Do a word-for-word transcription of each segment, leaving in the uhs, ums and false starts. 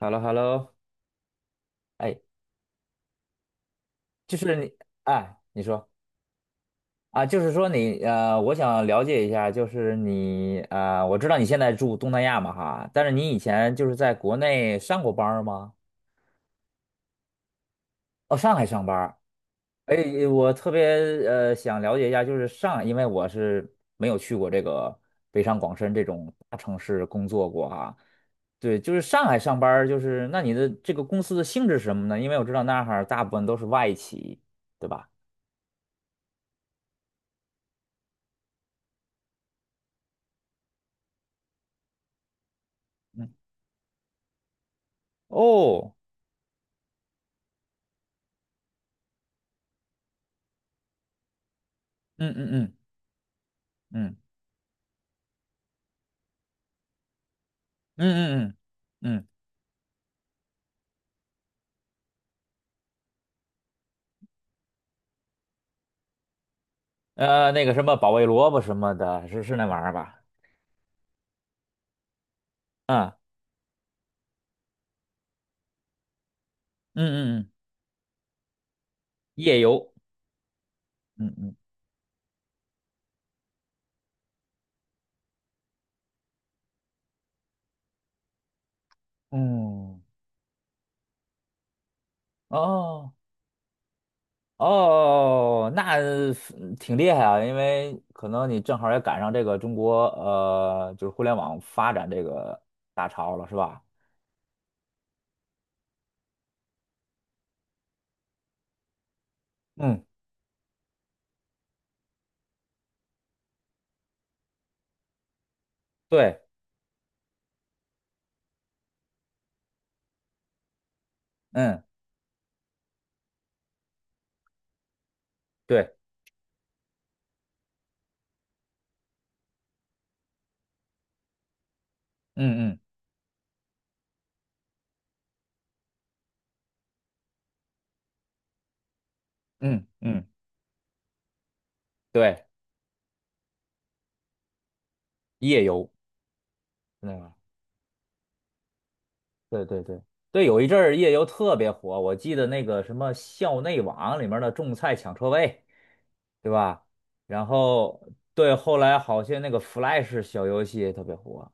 h e l l o h e l l o 哎，就是你，哎，你说啊，就是说你，呃，我想了解一下，就是你，呃，我知道你现在住东南亚嘛哈，但是你以前就是在国内上过班儿吗？哦，上海上班儿。哎，我特别呃想了解一下，就是上海因为我是没有去过这个北上广深这种大城市工作过哈。对，就是上海上班儿就是那你的这个公司的性质是什么呢？因为我知道那儿哈大部分都是外企，对吧？嗯。哦，嗯嗯嗯嗯嗯嗯嗯，嗯呃，那个什么保卫萝卜什么的，是是那玩意儿吧？啊，嗯嗯嗯，夜游，嗯嗯嗯，嗯哦哦，那挺厉害啊，因为可能你正好也赶上这个中国呃，就是互联网发展这个大潮了，是吧？嗯，对，嗯对，嗯嗯嗯嗯，对，夜游。对对对对，有一阵儿夜游特别火，我记得那个什么校内网里面的种菜抢车位，对吧？然后对，后来好些那个 Flash 小游戏也特别火。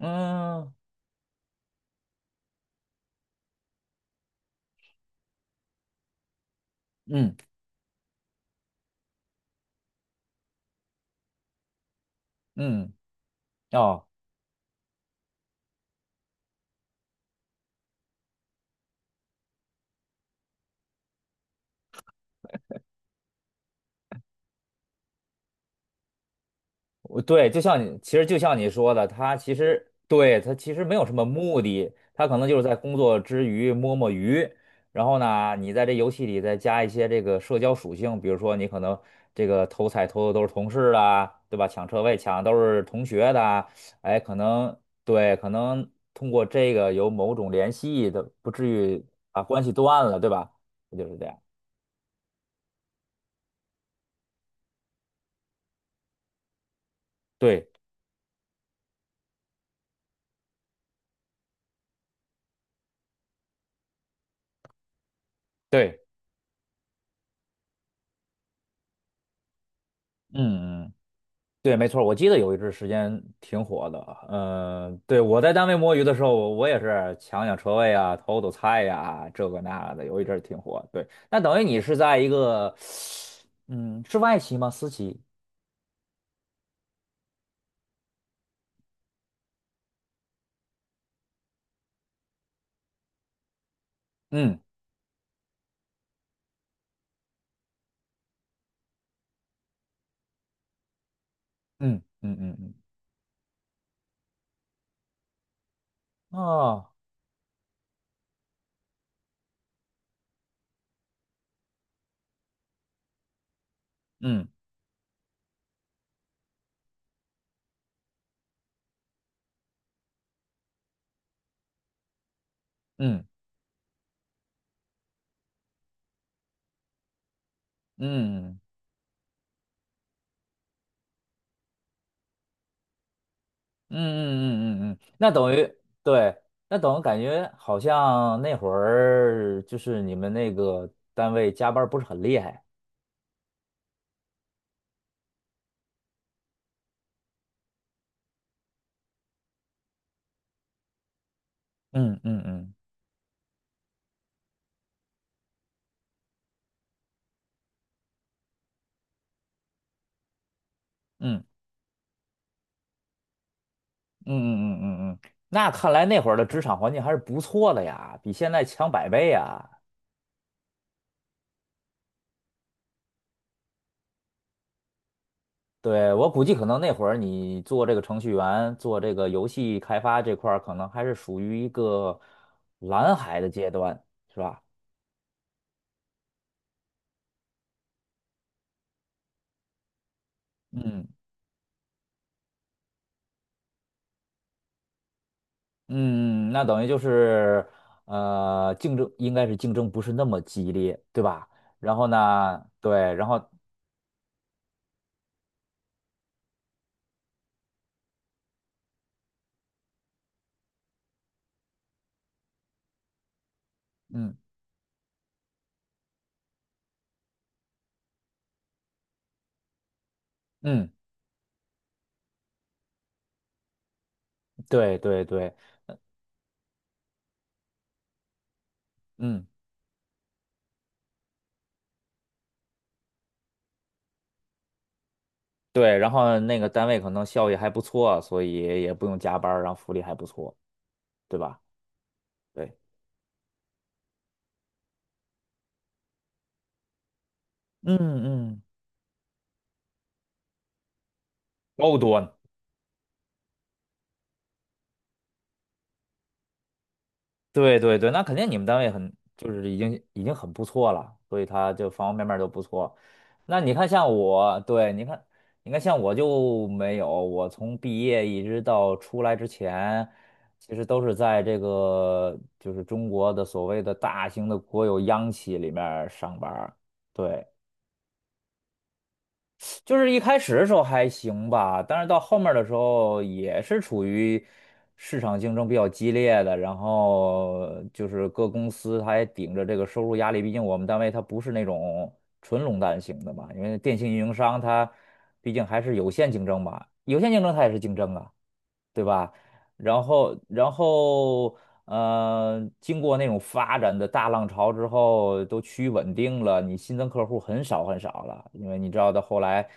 嗯嗯嗯，哦，我对，就像你，其实就像你说的，他其实对他其实没有什么目的，他可能就是在工作之余摸摸鱼，然后呢，你在这游戏里再加一些这个社交属性，比如说你可能这个偷菜偷的都是同事啊，对吧？抢车位抢的都是同学的啊，哎，可能对，可能通过这个有某种联系的，不至于把关系断了，对吧？就是这样，对对，嗯嗯。对，没错儿我记得有一阵儿时间挺火的。嗯、对，我在单位摸鱼的时候，我我也是抢抢车位啊，偷偷菜呀、这个那的，有一阵儿挺火。对，那等于你是在一个，嗯，是外企吗？私企？嗯嗯嗯嗯嗯，哦，嗯嗯嗯嗯嗯嗯嗯嗯，嗯那等于对，那等于感觉好像那会儿就是你们那个单位加班儿不是很厉害。嗯嗯嗯嗯嗯嗯嗯嗯嗯，那看来那会儿的职场环境还是不错的呀，比现在强百倍呀。对，我估计可能那会儿你做这个程序员，做这个游戏开发这块儿，可能还是属于一个蓝海的阶段，是吧？嗯嗯，那等于就是呃，竞争应该是竞争不是那么激烈，对吧？然后呢，对，然后嗯嗯，对对对，嗯。对，然后那个单位可能效益还不错，所以也不用加班儿然后福利还不错，对吧？对，嗯嗯，高端，对对对，那肯定你们单位很就是已经已经很不错了，所以他就方方面面都不错。那你看像我，对，你看你看像我就没有，我从毕业一直到出来之前，其实都是在这个就是中国的所谓的大型的国有央企里面儿上班儿对。就是一开始的时候还行吧，但是到后面的时候也是处于市场竞争比较激烈的，然后就是各公司它也顶着这个收入压力，毕竟我们单位它不是那种纯垄断型的嘛，因为电信运营商它毕竟还是有限竞争吧，有限竞争它也是竞争啊。对吧？然后，然后，呃，经过那种发展的大浪潮之后，都趋于稳定了，你新增客户很少很少了，因为你知道到后来，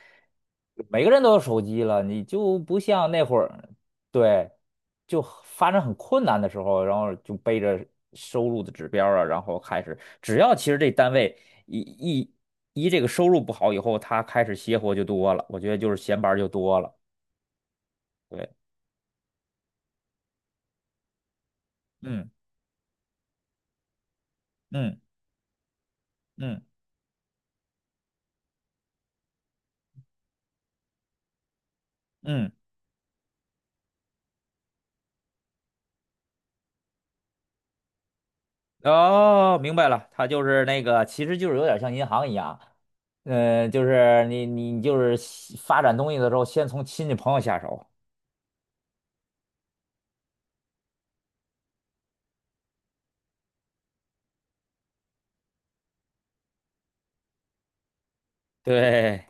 每个人都有手机了，你就不像那会儿，对，就发展很困难的时候，然后就背着收入的指标啊，然后开始，只要其实这单位一一一这个收入不好以后，他开始邪活就多了，我觉得就是闲班儿就多了，对，嗯嗯嗯。嗯，哦，明白了，他就是那个，其实就是有点像银行一样，嗯，就是你你就是西发展东西的时候，先从亲戚朋友下手。对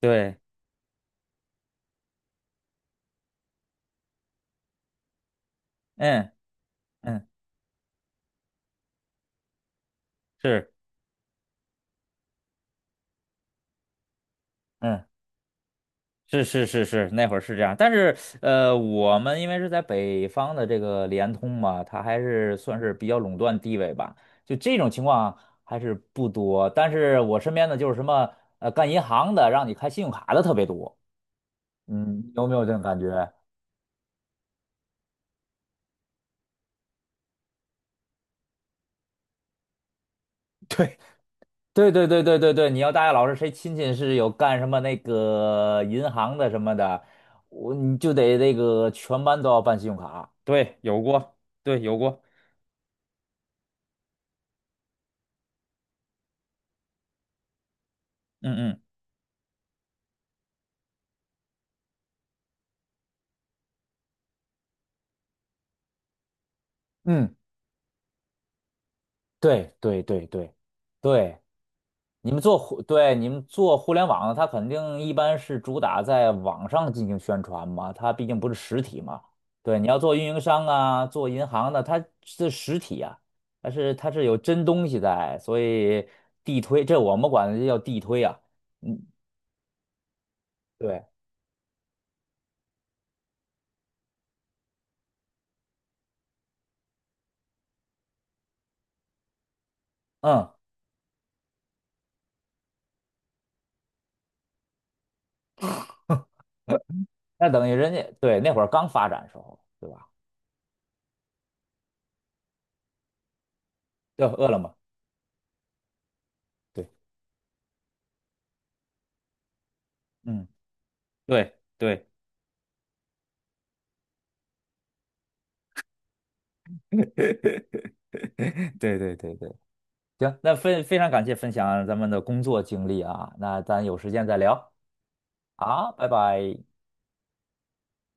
对，嗯嗯，是嗯是是是是，那会儿是这样，但是呃，我们因为是在北方的这个联通嘛，它还是算是比较垄断地位吧，就这种情况还是不多。但是我身边的就是什么呃干银行的，让你开信用卡的特别多，嗯，有没有这种感觉？对对对对对对对，你要大学老师谁亲戚是有干什么那个银行的什么的，我你就得那个全班都要办信用卡。对，有过，对，有过，嗯嗯。嗯，对对对对对。你们做互，对，你们做互联网的它肯定一般是主打在网上进行宣传嘛，它毕竟不是实体嘛。对，你要做运营商啊，做银行的，它是实体啊，它是它是有真东西在，所以地推，这我们管这叫地推啊。嗯，对，嗯，那等于人家对那会儿刚发展时候，对吧？叫饿了么，对，嗯，对对 对对对对行，那非非常感谢分享咱们的工作经历啊，那咱有时间再聊啊，拜拜。